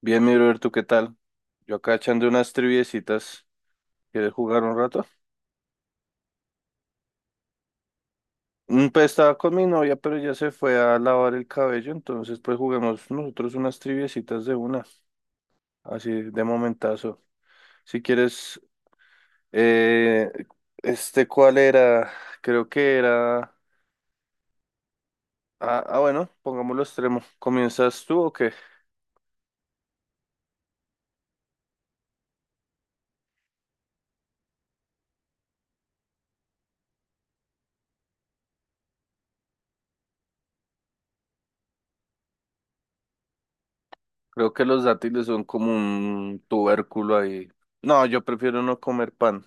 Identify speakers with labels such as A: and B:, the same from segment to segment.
A: Bien, mi brother, ¿tú qué tal? Yo acá echando unas triviecitas. ¿Quieres jugar un rato? Pues estaba con mi novia, pero ya se fue a lavar el cabello, entonces pues juguemos nosotros unas triviecitas de una, así de momentazo. Si quieres, eh, ¿cuál era? Creo que era... Ah, bueno, pongámoslo extremo. ¿Comienzas tú o qué? Creo que los dátiles son como un tubérculo ahí. No, yo prefiero no comer pan,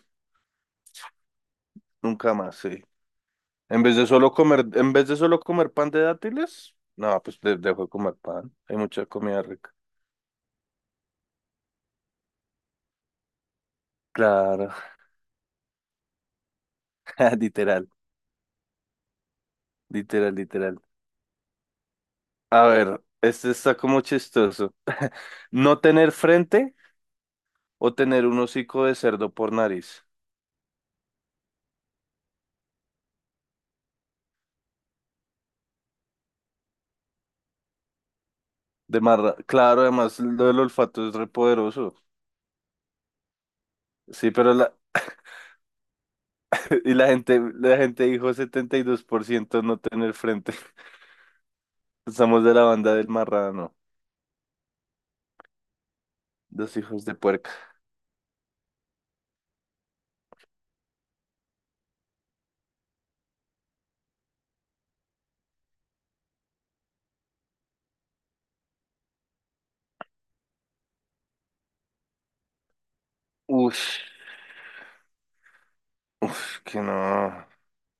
A: nunca más, sí. En vez de solo comer, en vez de solo comer pan de dátiles, no, pues dejo de comer pan. Hay mucha comida rica. Claro, literal, literal, literal. A ver, este está como chistoso. No tener frente o tener un hocico de cerdo por nariz. Claro, además lo del olfato es repoderoso. Sí, pero la y la gente dijo 72% no tener frente. Estamos de la banda del marrano, los hijos de puerca. Ush, ush, que no.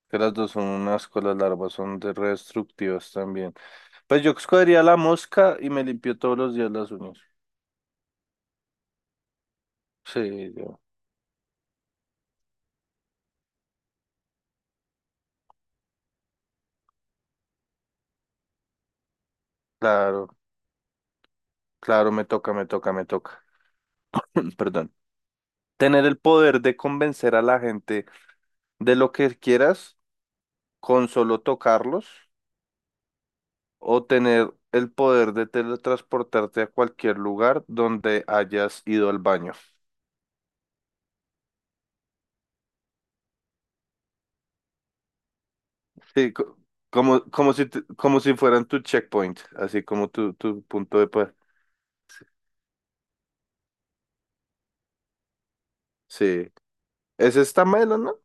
A: Que las dos son un asco, las larvas son de re destructivas también. Pues yo escogería la mosca y me limpio todos los días las uñas. Sí, claro, claro, me toca, me toca, me toca. Perdón. Tener el poder de convencer a la gente de lo que quieras con solo tocarlos o tener el poder de teletransportarte a cualquier lugar donde hayas ido al baño. Sí, como si, como si fueran tu checkpoint, así como tu punto de poder. Sí. Ese está melo, ¿no?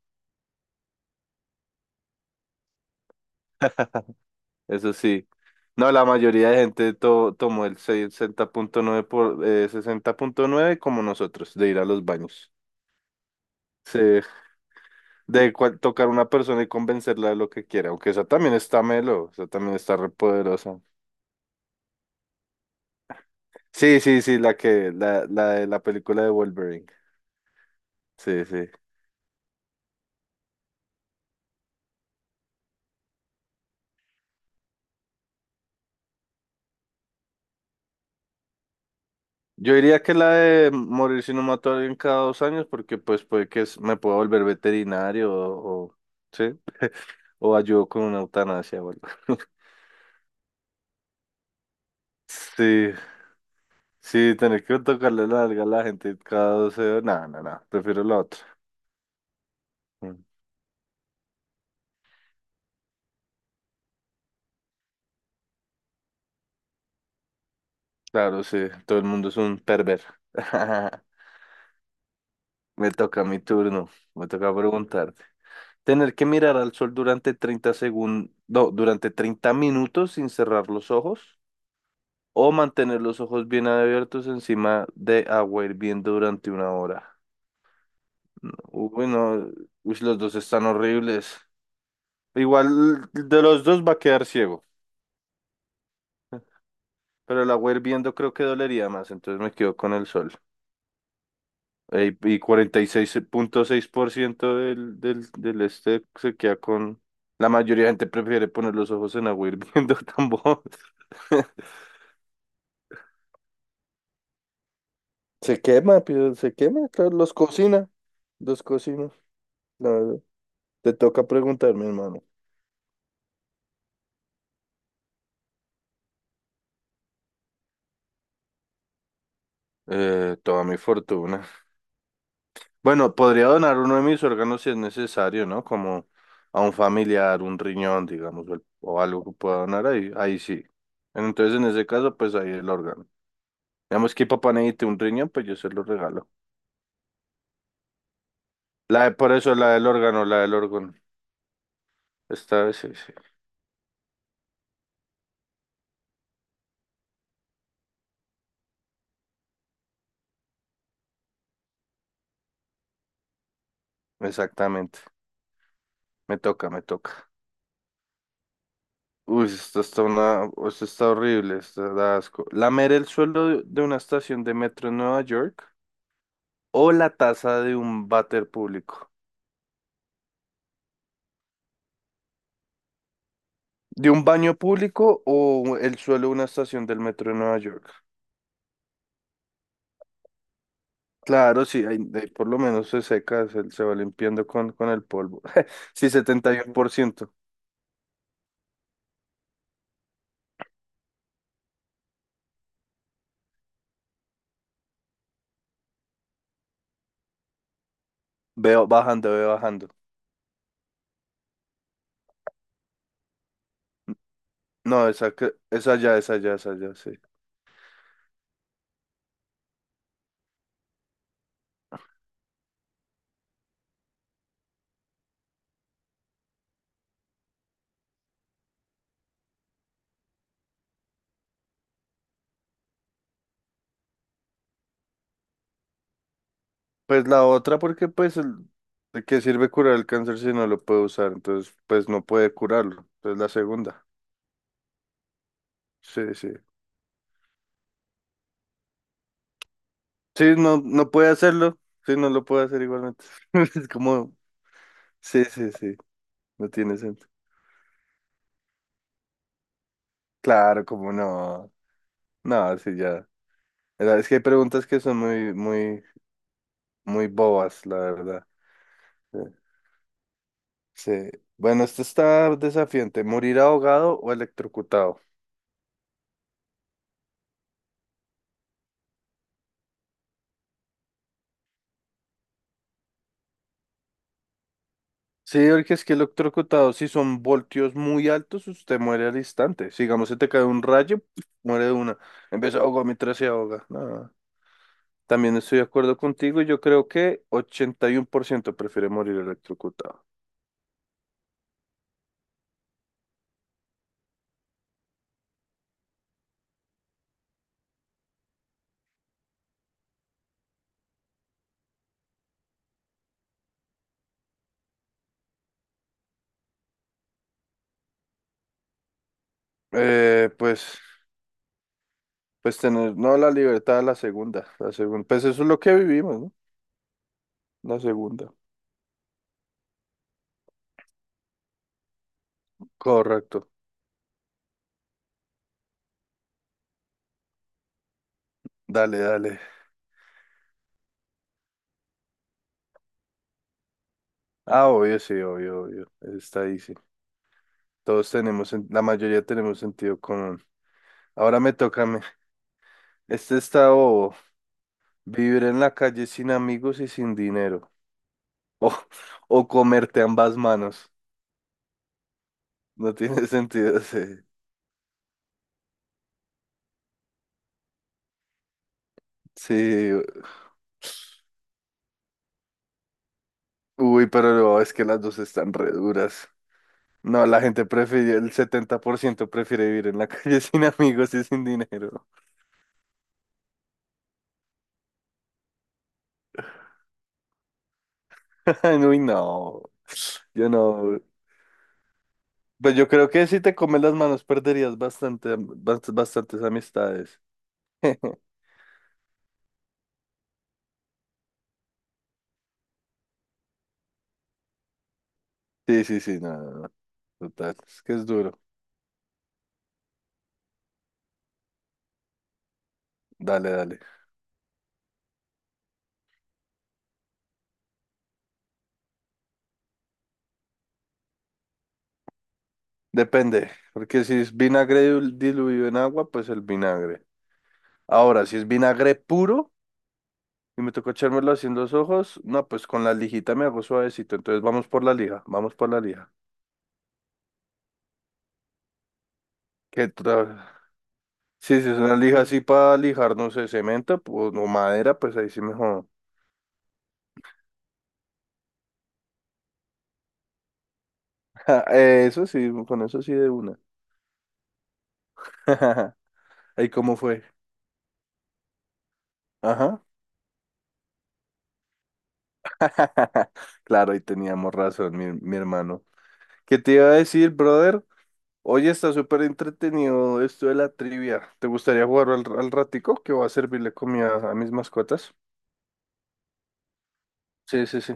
A: Eso sí. No, la mayoría de gente tomó el 60.9 por 60.9 como nosotros, de ir a los baños. Sí, tocar a una persona y convencerla de lo que quiera, aunque esa también está melo, esa también está re poderosa. Sí, sí, sí, la de la película de Wolverine. Sí, sí. Yo diría que la de morir si no mato a alguien cada 2 años, porque pues puede que me pueda volver veterinario o, sí, o ayudo con una eutanasia o algo. Sí, sí, tener que tocarle la alga a la gente cada 12 horas. No, no, no, prefiero la otra. Mm, Claro, sí, todo el mundo es un perver. Me toca mi turno, me toca preguntar. Tener que mirar al sol durante 30 segundos, no, durante 30 minutos sin cerrar los ojos o mantener los ojos bien abiertos encima de agua hirviendo durante una hora. No, uy, no, uy, los dos están horribles. Igual de los dos va a quedar ciego. Pero la agua viendo creo que dolería más, entonces me quedo con el sol. Ey, y cuarenta y seis 6.6% del, del, del este se queda con... La mayoría de gente prefiere poner los ojos en agua viendo tambor. Se quema, pero se quema, claro, los cocina. Los cocina. La verdad. Te toca preguntarme, hermano. Toda mi fortuna. Bueno, podría donar uno de mis órganos si es necesario, ¿no? Como a un familiar, un riñón, digamos, o, o algo que pueda donar ahí sí. Entonces, en ese caso, pues ahí el órgano. Digamos que papá necesite un riñón, pues yo se lo regalo. Por eso la del órgano, la del órgano. Esta vez sí, sí. Exactamente. Me toca, me toca. Uy, esto está horrible, esto da asco. Lamer el suelo de una estación de metro en Nueva York o la taza de un váter público. ¿De un baño público o el suelo de una estación del metro de Nueva York? Claro, sí, ahí por lo menos se seca, se va limpiando con el polvo. Sí, 71%. Veo bajando, veo bajando. No, esa ya, esa ya, esa ya, sí. Pues la otra, porque pues, ¿de qué sirve curar el cáncer si no lo puede usar? Entonces, pues no puede curarlo. Entonces la segunda. Sí, sí. Sí, no, no puede hacerlo. Sí, no lo puede hacer igualmente. Es como, sí, sí, sí. No tiene sentido. Claro, como no. No, sí, ya. Es que hay preguntas que son muy, muy, muy bobas, la verdad. Sí. Sí. Bueno, esto está desafiante. ¿Morir ahogado o electrocutado? Sí, porque es que electrocutado, si son voltios muy altos, usted muere al instante. Si, digamos, se te cae un rayo, muere de una. Empieza a ahogar mientras se ahoga. No. También estoy de acuerdo contigo. Yo creo que 81% prefiere morir electrocutado. Eh, pues Pues tener, no la libertad, la segunda, la segunda. Pues eso es lo que vivimos, ¿no? La segunda. Correcto. Dale, dale. Ah, obvio, sí, obvio, obvio. Eso está ahí, sí. Todos tenemos, la mayoría tenemos sentido común. Ahora me toca a mí. Este está bobo. Vivir en la calle sin amigos y sin dinero. O, o comerte ambas manos. No tiene sentido, sí. Sí. Uy, pero no, es que las dos están re duras. No, la gente prefiere, el 70% prefiere vivir en la calle sin amigos y sin dinero. Uy, no, yo no. Pues yo creo que si te comes las manos perderías bastantes amistades. Sí, sí, sí, no, no, no, total. Es que es duro. Dale, dale. Depende, porque si es vinagre diluido en agua, pues el vinagre. Ahora, si es vinagre puro y me tocó echármelo así en los ojos, no, pues con la lijita me hago suavecito. Entonces vamos por la lija, vamos por la lija. ¿Qué tal? Sí, si es una lija así para lijar, no sé, cemento pues, o madera, pues ahí sí mejor. Eso sí, con eso sí de una. ¿Y cómo fue? Ajá. Claro, ahí teníamos razón, mi hermano. ¿Qué te iba a decir, brother? Oye, está súper entretenido esto de la trivia. ¿Te gustaría jugar al ratico que va a servirle comida a mis mascotas? Sí, sí, sí.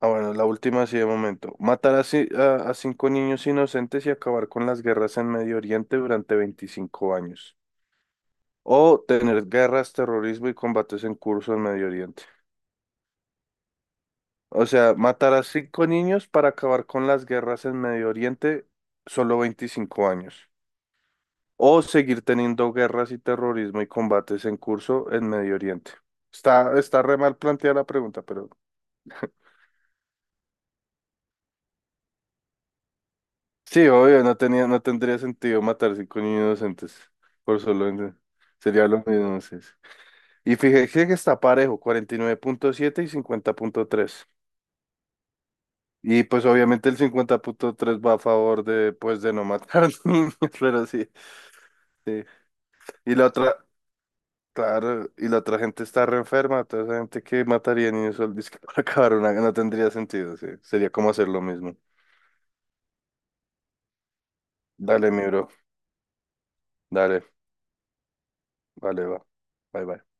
A: Ah, bueno, la última sí de momento. Matar a cinco niños inocentes y acabar con las guerras en Medio Oriente durante 25 años. O tener guerras, terrorismo y combates en curso en Medio Oriente. O sea, matar a cinco niños para acabar con las guerras en Medio Oriente, solo 25 años. O seguir teniendo guerras y terrorismo y combates en curso en Medio Oriente. Está re mal planteada la pregunta, pero... Sí, obvio, no tendría sentido matar cinco niños inocentes por solo en- sería lo mismo, sí, sí. Y fíjese que está parejo, 49.7 y 50.3. Y 50.3. Y pues obviamente el 50.3 va a favor de, pues, de no matar niños, pero sí, sí. Y la otra, claro, y la otra gente está re enferma, toda esa gente que mataría niños solo dizque para acabar una, no tendría sentido, sí. Sería como hacer lo mismo. Dale, mi bro, dale, vale, va. Bye, bye.